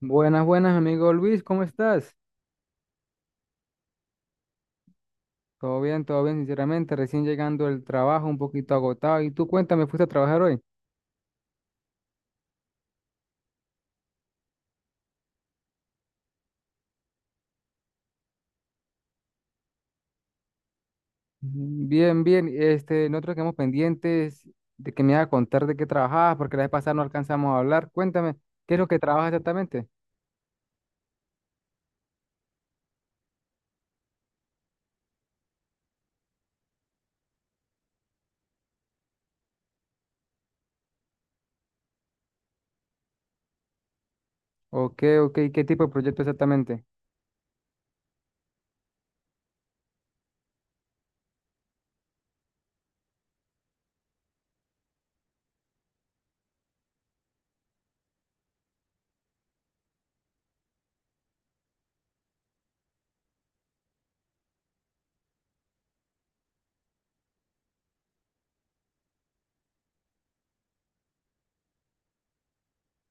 Buenas, buenas, amigo Luis, ¿cómo estás? Todo bien, sinceramente, recién llegando del trabajo, un poquito agotado. ¿Y tú cuéntame, fuiste a trabajar hoy? Bien, bien, este, nosotros quedamos pendientes de que me haga contar de qué trabajabas, porque la vez pasada no alcanzamos a hablar. Cuéntame, ¿qué es lo que trabajas exactamente? ¿Qué tipo de proyecto exactamente?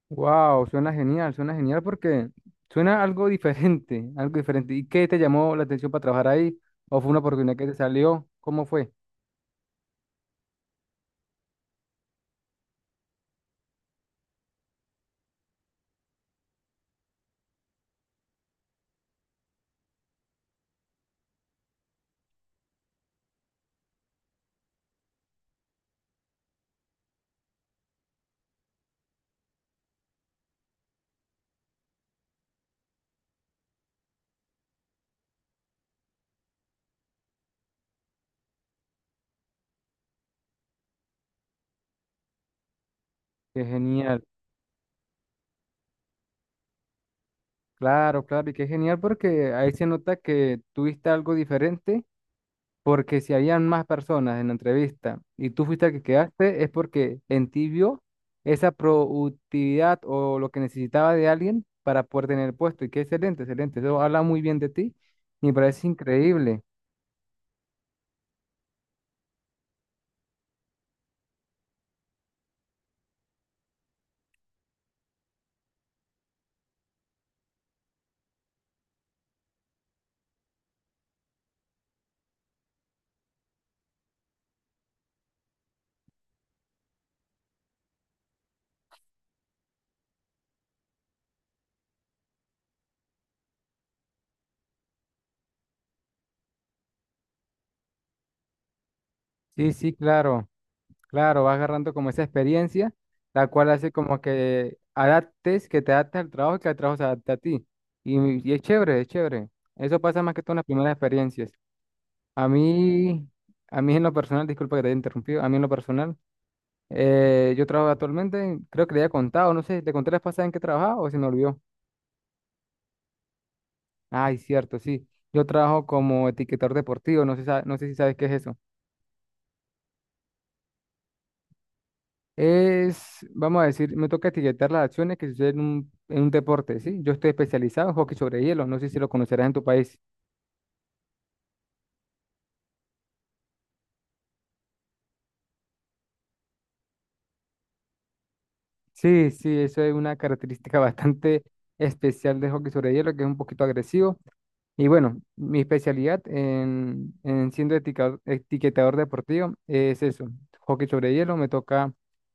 Wow, suena genial porque suena algo diferente, algo diferente. ¿Y qué te llamó la atención para trabajar ahí? ¿O fue una oportunidad que te salió? ¿Cómo fue? Qué genial. Claro, claro, y qué genial porque ahí se nota que tuviste algo diferente, porque si habían más personas en la entrevista y tú fuiste el que quedaste, es porque en ti vio esa productividad o lo que necesitaba de alguien para poder tener el puesto. Y qué excelente, excelente. Eso habla muy bien de ti. Me parece increíble. Sí, sí, claro. Claro, vas agarrando como esa experiencia, la cual hace como que adaptes, que te adaptes al trabajo y que el trabajo se adapte a ti. Y es chévere, es chévere. Eso pasa más que todo en las primeras experiencias. A mí, a mí en lo personal, disculpa que te haya interrumpido, a mí en lo personal, yo trabajo actualmente, creo que le había contado, no sé, ¿te conté la vez pasada en qué trabajaba o se me olvidó? Ay, cierto, sí. Yo trabajo como etiquetador deportivo, no sé, no sé si sabes qué es eso. Es, vamos a decir, me toca etiquetar las acciones que suceden en un deporte, ¿sí? Yo estoy especializado en hockey sobre hielo, no sé si lo conocerás en tu país. Sí, sí, eso es una característica bastante especial de hockey sobre hielo, que es un poquito agresivo. Y bueno, mi especialidad en siendo etiquetador deportivo es eso, hockey sobre hielo, me toca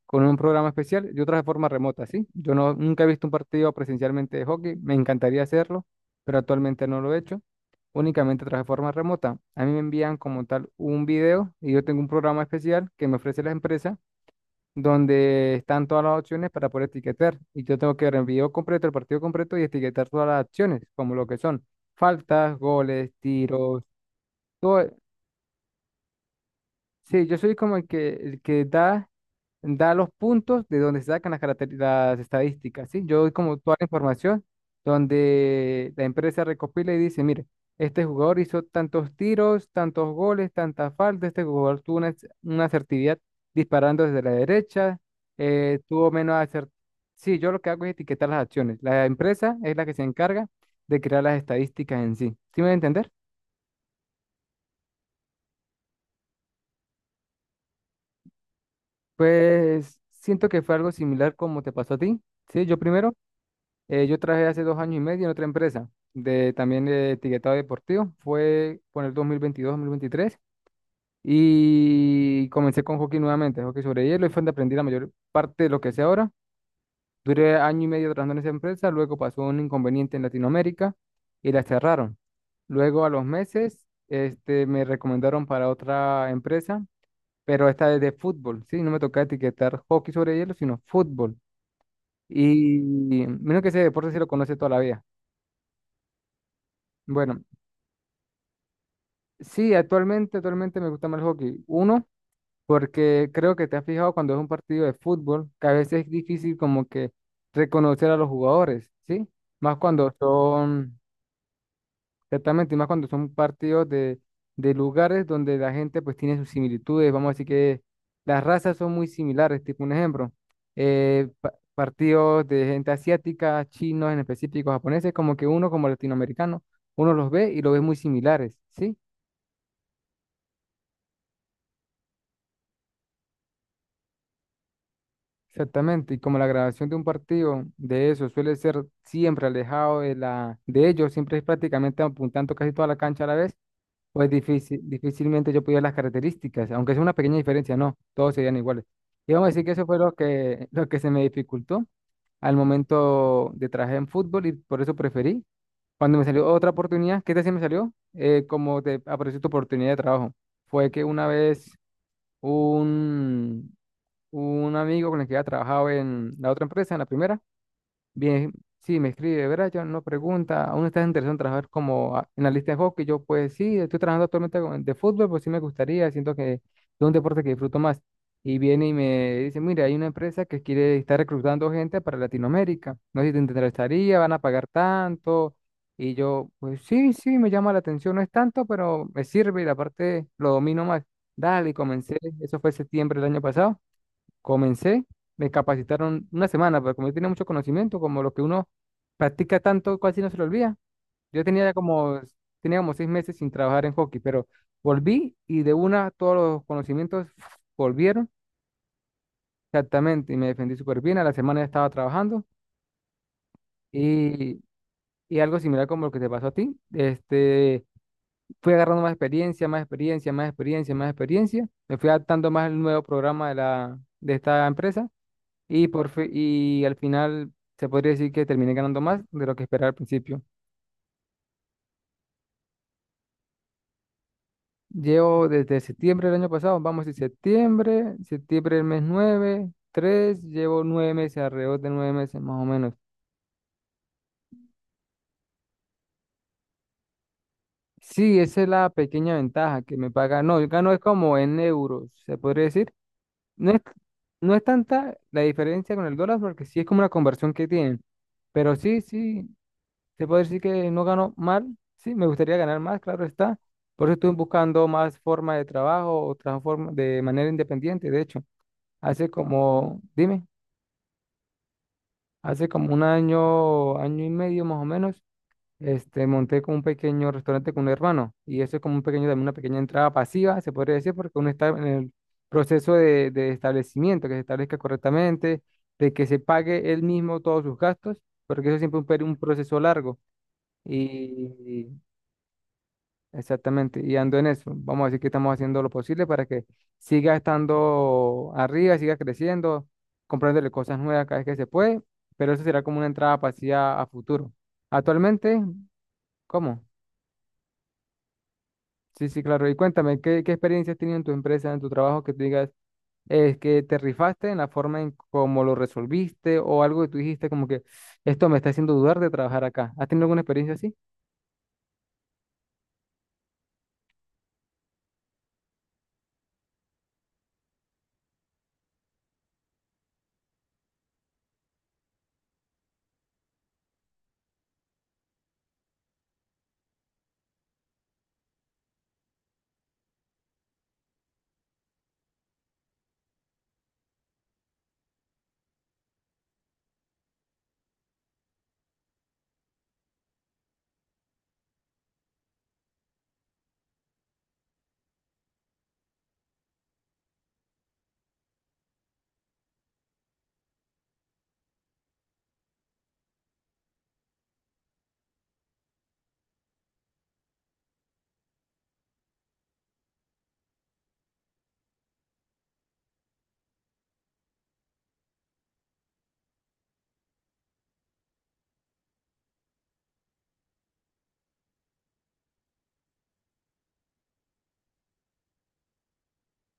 con un programa especial y otra de forma remota, ¿sí? Yo no, nunca he visto un partido presencialmente de hockey, me encantaría hacerlo, pero actualmente no lo he hecho, únicamente a través de forma remota. A mí me envían como tal un video y yo tengo un programa especial que me ofrece la empresa donde están todas las opciones para poder etiquetar. Y yo tengo que ver el video completo, el partido completo y etiquetar todas las acciones, como lo que son faltas, goles, tiros, todo. Sí, yo soy como el que da los puntos de donde se sacan las estadísticas, ¿sí? Yo doy como toda la información donde la empresa recopila y dice, mire, este jugador hizo tantos tiros, tantos goles, tantas faltas, este jugador tuvo una asertividad disparando desde la derecha, tuvo menos asertividad. Sí, yo lo que hago es etiquetar las acciones. La empresa es la que se encarga de crear las estadísticas en sí. ¿Sí me voy a entender? Pues siento que fue algo similar como te pasó a ti. Sí, yo primero, yo trabajé hace 2 años y medio en otra empresa de también de etiquetado deportivo. Fue por el 2022 2023 y comencé con hockey nuevamente, hockey sobre hielo y fue donde aprendí la mayor parte de lo que sé ahora. Duré año y medio trabajando en esa empresa, luego pasó un inconveniente en Latinoamérica y la cerraron. Luego a los meses, este, me recomendaron para otra empresa pero esta vez de fútbol, sí, no me toca etiquetar hockey sobre hielo, sino fútbol. Y menos que ese deporte se lo conoce toda la vida. Bueno, sí, actualmente, actualmente me gusta más el hockey. Uno, porque creo que te has fijado cuando es un partido de fútbol, que a veces es difícil como que reconocer a los jugadores, ¿sí? Más cuando son. Exactamente, y más cuando son partidos de lugares donde la gente pues tiene sus similitudes, vamos a decir que las razas son muy similares, tipo un ejemplo, partidos de gente asiática, chinos en específico, japoneses, como que uno como latinoamericano, uno los ve y los ve muy similares, ¿sí? Exactamente, y como la grabación de un partido de eso suele ser siempre alejado de la de ellos, siempre es prácticamente apuntando casi toda la cancha a la vez. Pues difícil, difícilmente yo pudiera las características, aunque sea una pequeña diferencia, no, todos serían iguales. Y vamos a decir que eso fue lo que se me dificultó al momento de trabajar en fútbol y por eso preferí. Cuando me salió otra oportunidad, ¿qué tal si me salió? Como te apareció tu oportunidad de trabajo. Fue que una vez un, un amigo con el que había trabajado en la otra empresa, en la primera. Bien, sí, me escribe Brian, no pregunta, ¿aún estás interesado en trabajar como analista de hockey? Yo, pues sí, estoy trabajando actualmente de fútbol, pues sí me gustaría, siento que es un deporte que disfruto más. Y viene y me dice, mira, hay una empresa que quiere estar reclutando gente para Latinoamérica, no sé si te interesaría, van a pagar tanto. Y yo, pues sí, sí, me llama la atención, no es tanto, pero me sirve y la parte lo domino más. Dale, y comencé, eso fue septiembre del año pasado. Comencé, me capacitaron una semana, pero como yo tenía mucho conocimiento, como lo que uno practica tanto, casi no se lo olvida. Yo tenía ya como, tenía como 6 meses sin trabajar en hockey, pero volví y de una todos los conocimientos volvieron exactamente y me defendí súper bien. A la semana ya estaba trabajando y, y algo similar como lo que te pasó a ti. Este, fui agarrando más experiencia, más experiencia, más experiencia, más experiencia. Me fui adaptando más al nuevo programa de esta empresa y al final se podría decir que terminé ganando más de lo que esperaba al principio. Llevo desde septiembre del año pasado, vamos a septiembre, septiembre del mes 9, 3 llevo 9 meses, alrededor de 9 meses más o menos. Sí, esa es la pequeña ventaja que me paga. No, yo gano es como en euros, se podría decir. No es, no es tanta la diferencia con el dólar porque sí es como una conversión que tienen. Pero sí, sí, se puede decir que no gano mal, sí, me gustaría ganar más, claro está. Por eso estoy buscando más formas de trabajo o transforma de manera independiente. De hecho, hace como, dime, hace como un año, año y medio más o menos, este, monté como un pequeño restaurante con un hermano. Y eso es como un pequeño, también una pequeña entrada pasiva, se podría decir, porque uno está en el proceso de establecimiento, que se establezca correctamente, de que se pague él mismo todos sus gastos, porque eso siempre es un proceso largo. Y exactamente, y ando en eso. Vamos a decir que estamos haciendo lo posible para que siga estando arriba, siga creciendo, comprándole cosas nuevas cada vez que se puede, pero eso será como una entrada pasiva a futuro. Actualmente, ¿cómo? Sí, sí, claro. Y cuéntame, ¿qué experiencia has tenido en tu empresa, en tu trabajo, que tú digas, es que te rifaste en la forma en cómo lo resolviste o algo que tú dijiste como que esto me está haciendo dudar de trabajar acá? ¿Has tenido alguna experiencia así?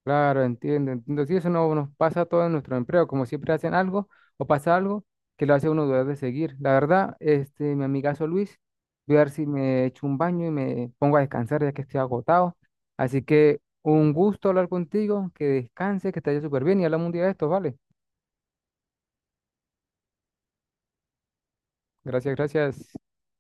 Claro, entiendo, entiendo. Sí, eso no nos pasa a todos en nuestro empleo, como siempre hacen algo o pasa algo que lo hace uno dudar de seguir. La verdad, este, mi amigazo Luis, voy a ver si me echo un baño y me pongo a descansar ya que estoy agotado. Así que un gusto hablar contigo, que descanse, que te vaya súper bien y hablamos un día de esto, ¿vale? Gracias, gracias.